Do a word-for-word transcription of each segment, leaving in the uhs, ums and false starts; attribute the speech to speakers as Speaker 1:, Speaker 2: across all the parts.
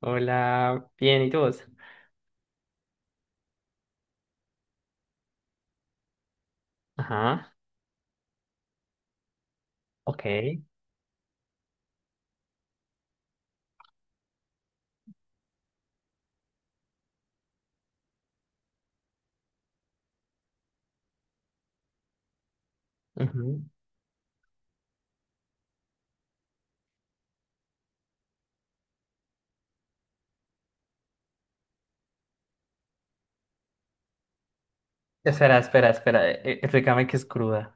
Speaker 1: Hola, bien, ¿y tú? Ajá, ok. Ujú. Espera, espera, espera. eh, eh, Explícame que es cruda.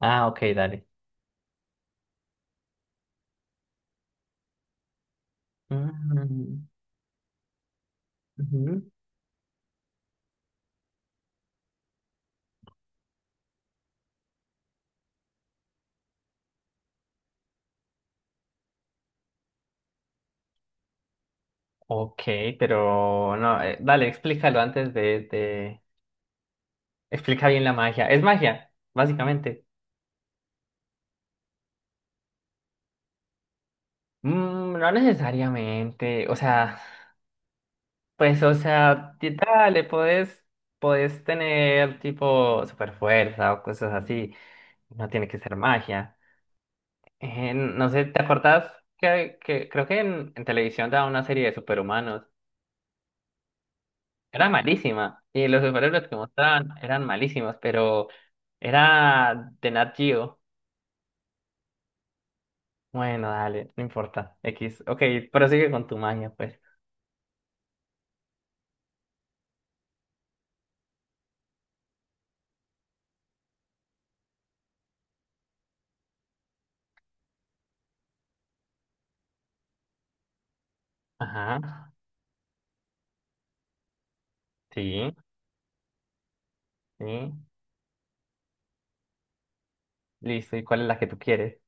Speaker 1: Ah, ok, dale. Mm, ujú. Ok, pero no, eh, dale, explícalo antes de, de- Explica bien la magia. Es magia, básicamente. Mm, no necesariamente. O sea, pues, o sea, y dale, podés, podés tener tipo super fuerza o cosas así. No tiene que ser magia. Eh, no sé, ¿te acordás que, que creo que en, en televisión daba una serie de superhumanos? Era malísima. Y los superhéroes que mostraban eran malísimos, pero era de Nat Geo. Bueno, dale, no importa. X. Ok, prosigue con tu maña, pues. Ajá. Sí, sí. Listo. ¿Y cuál es la que tú quieres?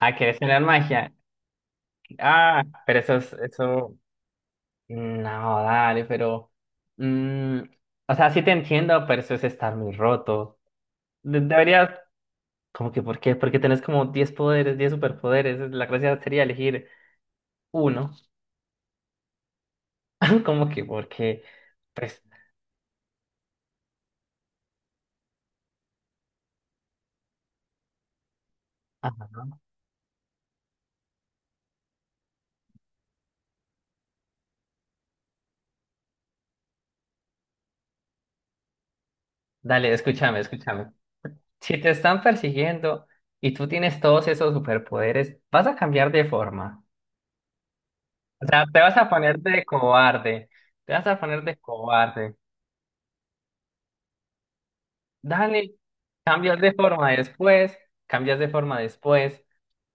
Speaker 1: Ah, ¿quieres tener magia? Ah, pero eso es, eso. No, dale, pero. Mm, o sea, sí te entiendo, pero eso es estar muy roto. De- Deberías. ¿Cómo que por qué? Porque tenés como diez poderes, diez superpoderes. La gracia sería elegir uno. ¿Cómo que por qué? Pues, ajá. Dale, escúchame, escúchame. Si te están persiguiendo y tú tienes todos esos superpoderes, vas a cambiar de forma. O sea, te vas a poner de cobarde. Te vas a poner de cobarde. Dale, cambias de forma después, cambias de forma después,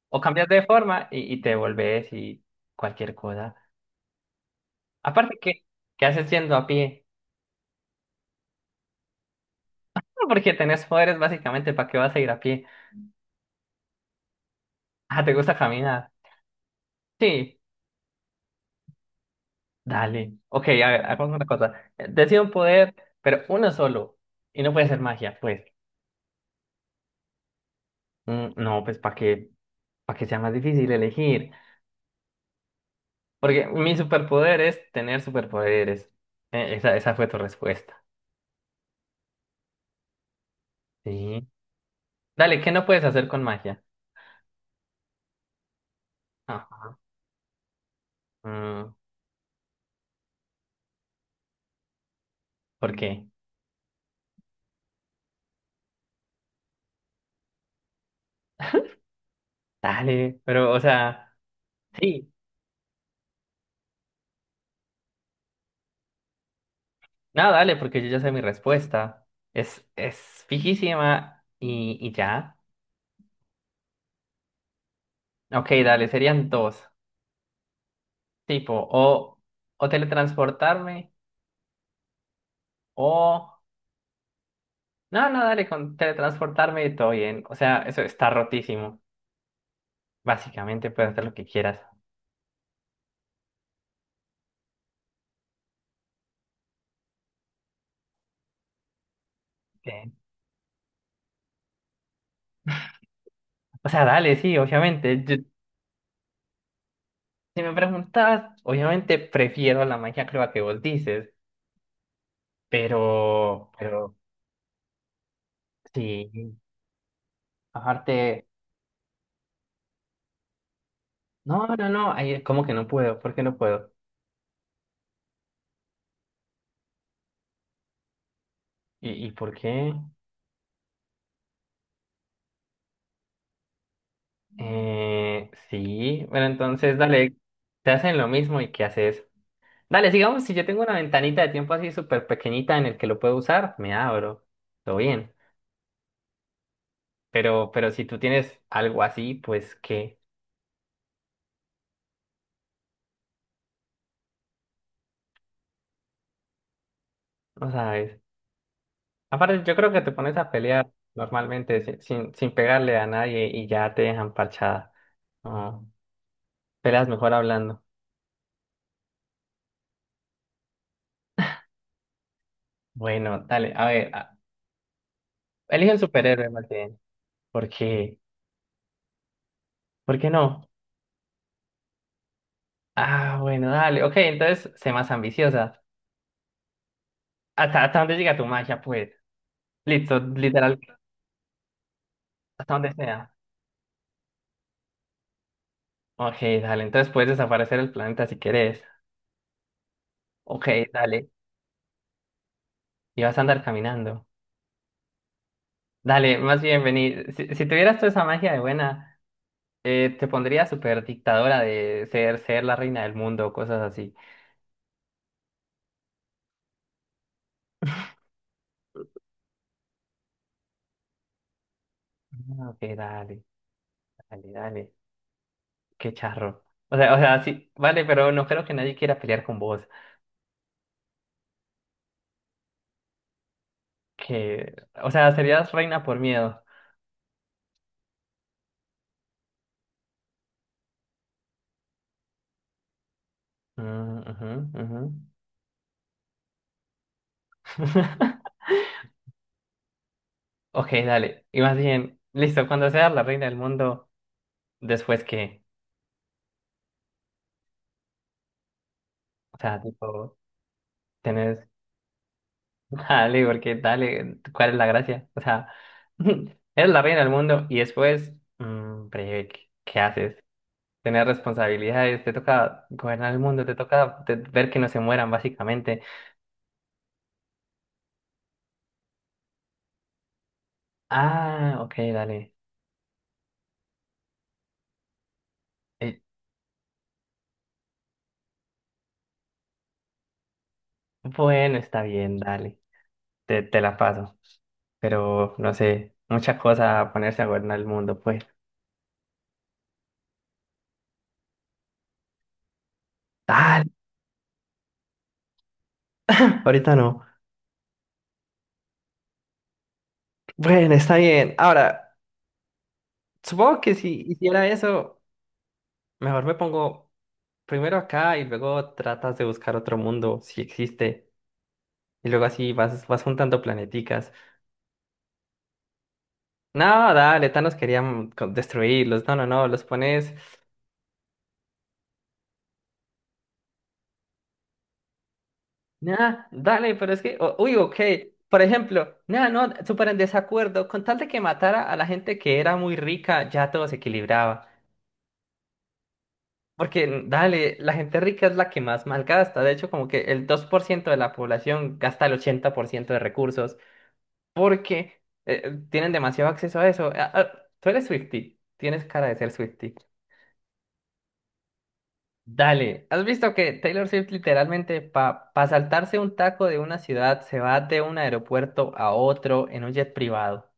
Speaker 1: o cambias de forma y, y te volvés y cualquier cosa. Aparte, ¿qué, ¿qué haces yendo a pie? Porque tenés poderes básicamente, ¿para qué vas a ir a pie? Ah, ¿te gusta caminar? Sí, dale. Ok, a ver, hagamos una cosa. Eh, Decide un poder, pero uno solo. Y no puede ser magia, pues. Mm, no, pues para que, para que sea más difícil elegir. Porque mi superpoder es tener superpoderes. Eh, esa, esa fue tu respuesta. Sí. Dale, ¿qué no puedes hacer con magia? Ah, mm, ¿por qué? Dale, pero, o sea, sí. No, dale, porque yo ya sé mi respuesta. Es, es fijísima y, y ya. Ok, dale, serían dos. Tipo, o, o teletransportarme, o... No, no, dale, con teletransportarme y todo bien. O sea, eso está rotísimo. Básicamente puedes hacer lo que quieras. Ok. O sea, dale, sí, obviamente. Yo- si me preguntas, obviamente prefiero la magia creo que vos dices, pero, pero sí, aparte... No, no, no, ahí como que no puedo, ¿por qué no puedo? ¿Y, ¿y por qué? Eh, sí, bueno, entonces dale, te hacen lo mismo y ¿qué haces? Dale, sigamos, si yo tengo una ventanita de tiempo así súper pequeñita en el que lo puedo usar, me abro, todo bien. Pero, pero si tú tienes algo así, pues ¿qué? No sabes. Aparte, yo creo que te pones a pelear normalmente si- sin, sin pegarle a nadie y ya te dejan parchada. No, peleas mejor hablando. Bueno, dale, a ver, a- elige un superhéroe más bien. ¿Por qué? ¿Por qué no? Ah, bueno, dale. Ok, entonces, sé más ambiciosa. ¿Hasta, ¿hasta dónde llega tu magia, pues? Listo, literal, hasta donde sea. Ok, dale. Entonces puedes desaparecer el planeta si querés. Ok, dale. Y vas a andar caminando. Dale, más bien, vení. Si, si tuvieras toda esa magia de buena, eh, te pondría súper dictadora de ser, ser la reina del mundo o cosas así. Ah, ok, dale, dale, dale. Qué charro. O sea, o sea, sí, vale, pero no creo que nadie quiera pelear con vos. Que, o sea, serías reina por miedo. Ah, ajá, ajá. Ok, dale. Y más bien, listo, cuando seas la reina del mundo, después que, o sea, tipo, tenés, dale, porque dale, ¿cuál es la gracia? O sea, eres la reina del mundo y después, mm, breve, ¿qué, ¿qué haces? Tener responsabilidades, te toca gobernar el mundo, te toca te- ver que no se mueran, básicamente. Ah, ok, dale. Eh, bueno, está bien, dale. Te, te la paso. Pero no sé, mucha cosa a ponerse a gobernar el mundo, pues. Tal ahorita no. Bueno, está bien. Ahora, supongo que si hiciera eso, mejor me pongo primero acá y luego tratas de buscar otro mundo, si existe. Y luego así vas, vas juntando planeticas. No, dale, Thanos quería mm, co- destruirlos. No, no, no, los pones. Nah, dale, pero es que, o- uy, ok. Por ejemplo, nah, no, súper en desacuerdo. Con tal de que matara a la gente que era muy rica, ya todo se equilibraba. Porque, dale, la gente rica es la que más malgasta. De hecho, como que el dos por ciento de la población gasta el ochenta por ciento de recursos porque eh, tienen demasiado acceso a eso. Ah, ah, tú eres Swiftie, tienes cara de ser Swiftie. Dale, ¿has visto que Taylor Swift literalmente para saltarse un taco de una ciudad se va de un aeropuerto a otro en un jet privado?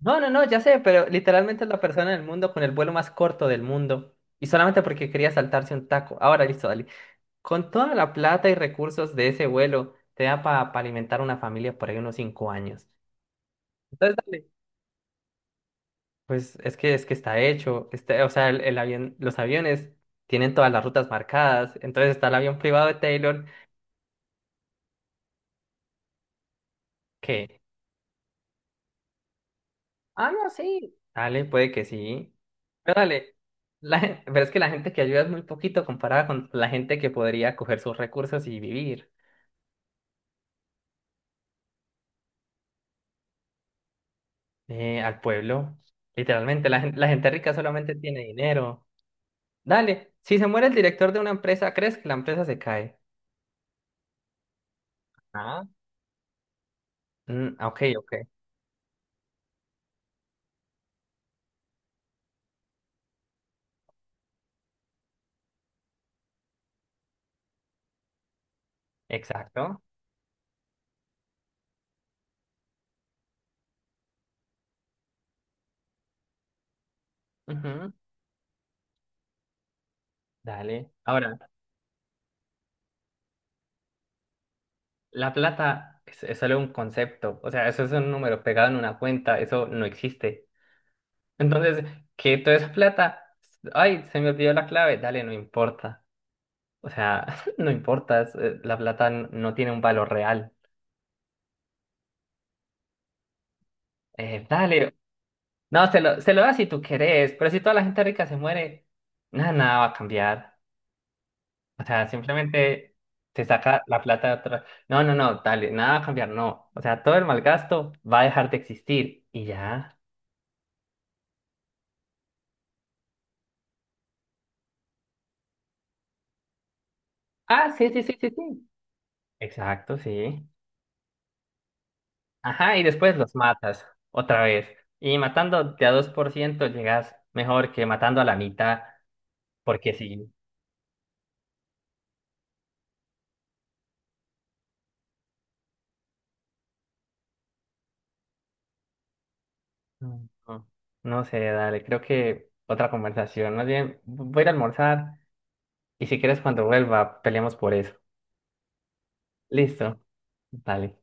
Speaker 1: No, no, no, ya sé, pero literalmente es la persona del mundo con el vuelo más corto del mundo y solamente porque quería saltarse un taco. Ahora listo, dale. Con toda la plata y recursos de ese vuelo te da para alimentar una familia por ahí unos cinco años. Entonces, dale. Pues es que es que está hecho, este, o sea, el, el avión, los aviones tienen todas las rutas marcadas, entonces está el avión privado de Taylor. ¿Qué? Ah, no, sí. Dale, puede que sí. Pero dale, la, gen- pero es que la gente que ayuda es muy poquito comparada con la gente que podría coger sus recursos y vivir eh, al pueblo. Literalmente, la, gen- la gente rica solamente tiene dinero. Dale, si se muere el director de una empresa, ¿crees que la empresa se cae? Ah, mm, ok, ok. Exacto. Ujú. Dale. Ahora, la plata es, es solo un concepto. O sea, eso es un número pegado en una cuenta. Eso no existe. Entonces, que toda esa plata, ay, se me olvidó la clave, dale, no importa. O sea, no importa, es, eh, la plata n- no tiene un valor real. Eh, dale, no, se lo, se lo das si tú querés, pero si toda la gente rica se muere, nada, nada va a cambiar. O sea, simplemente te saca la plata de otra. No, no, no, dale, nada va a cambiar, no. O sea, todo el malgasto va a dejar de existir y ya. Ah, sí, sí, sí, sí, sí. Exacto, sí. Ajá, y después los matas otra vez. Y matando de a dos por ciento llegas mejor que matando a la mitad, porque sí. Mm. No, no sé, dale, creo que otra conversación. Más bien, voy a ir a almorzar y si quieres cuando vuelva, peleamos por eso. Listo, dale.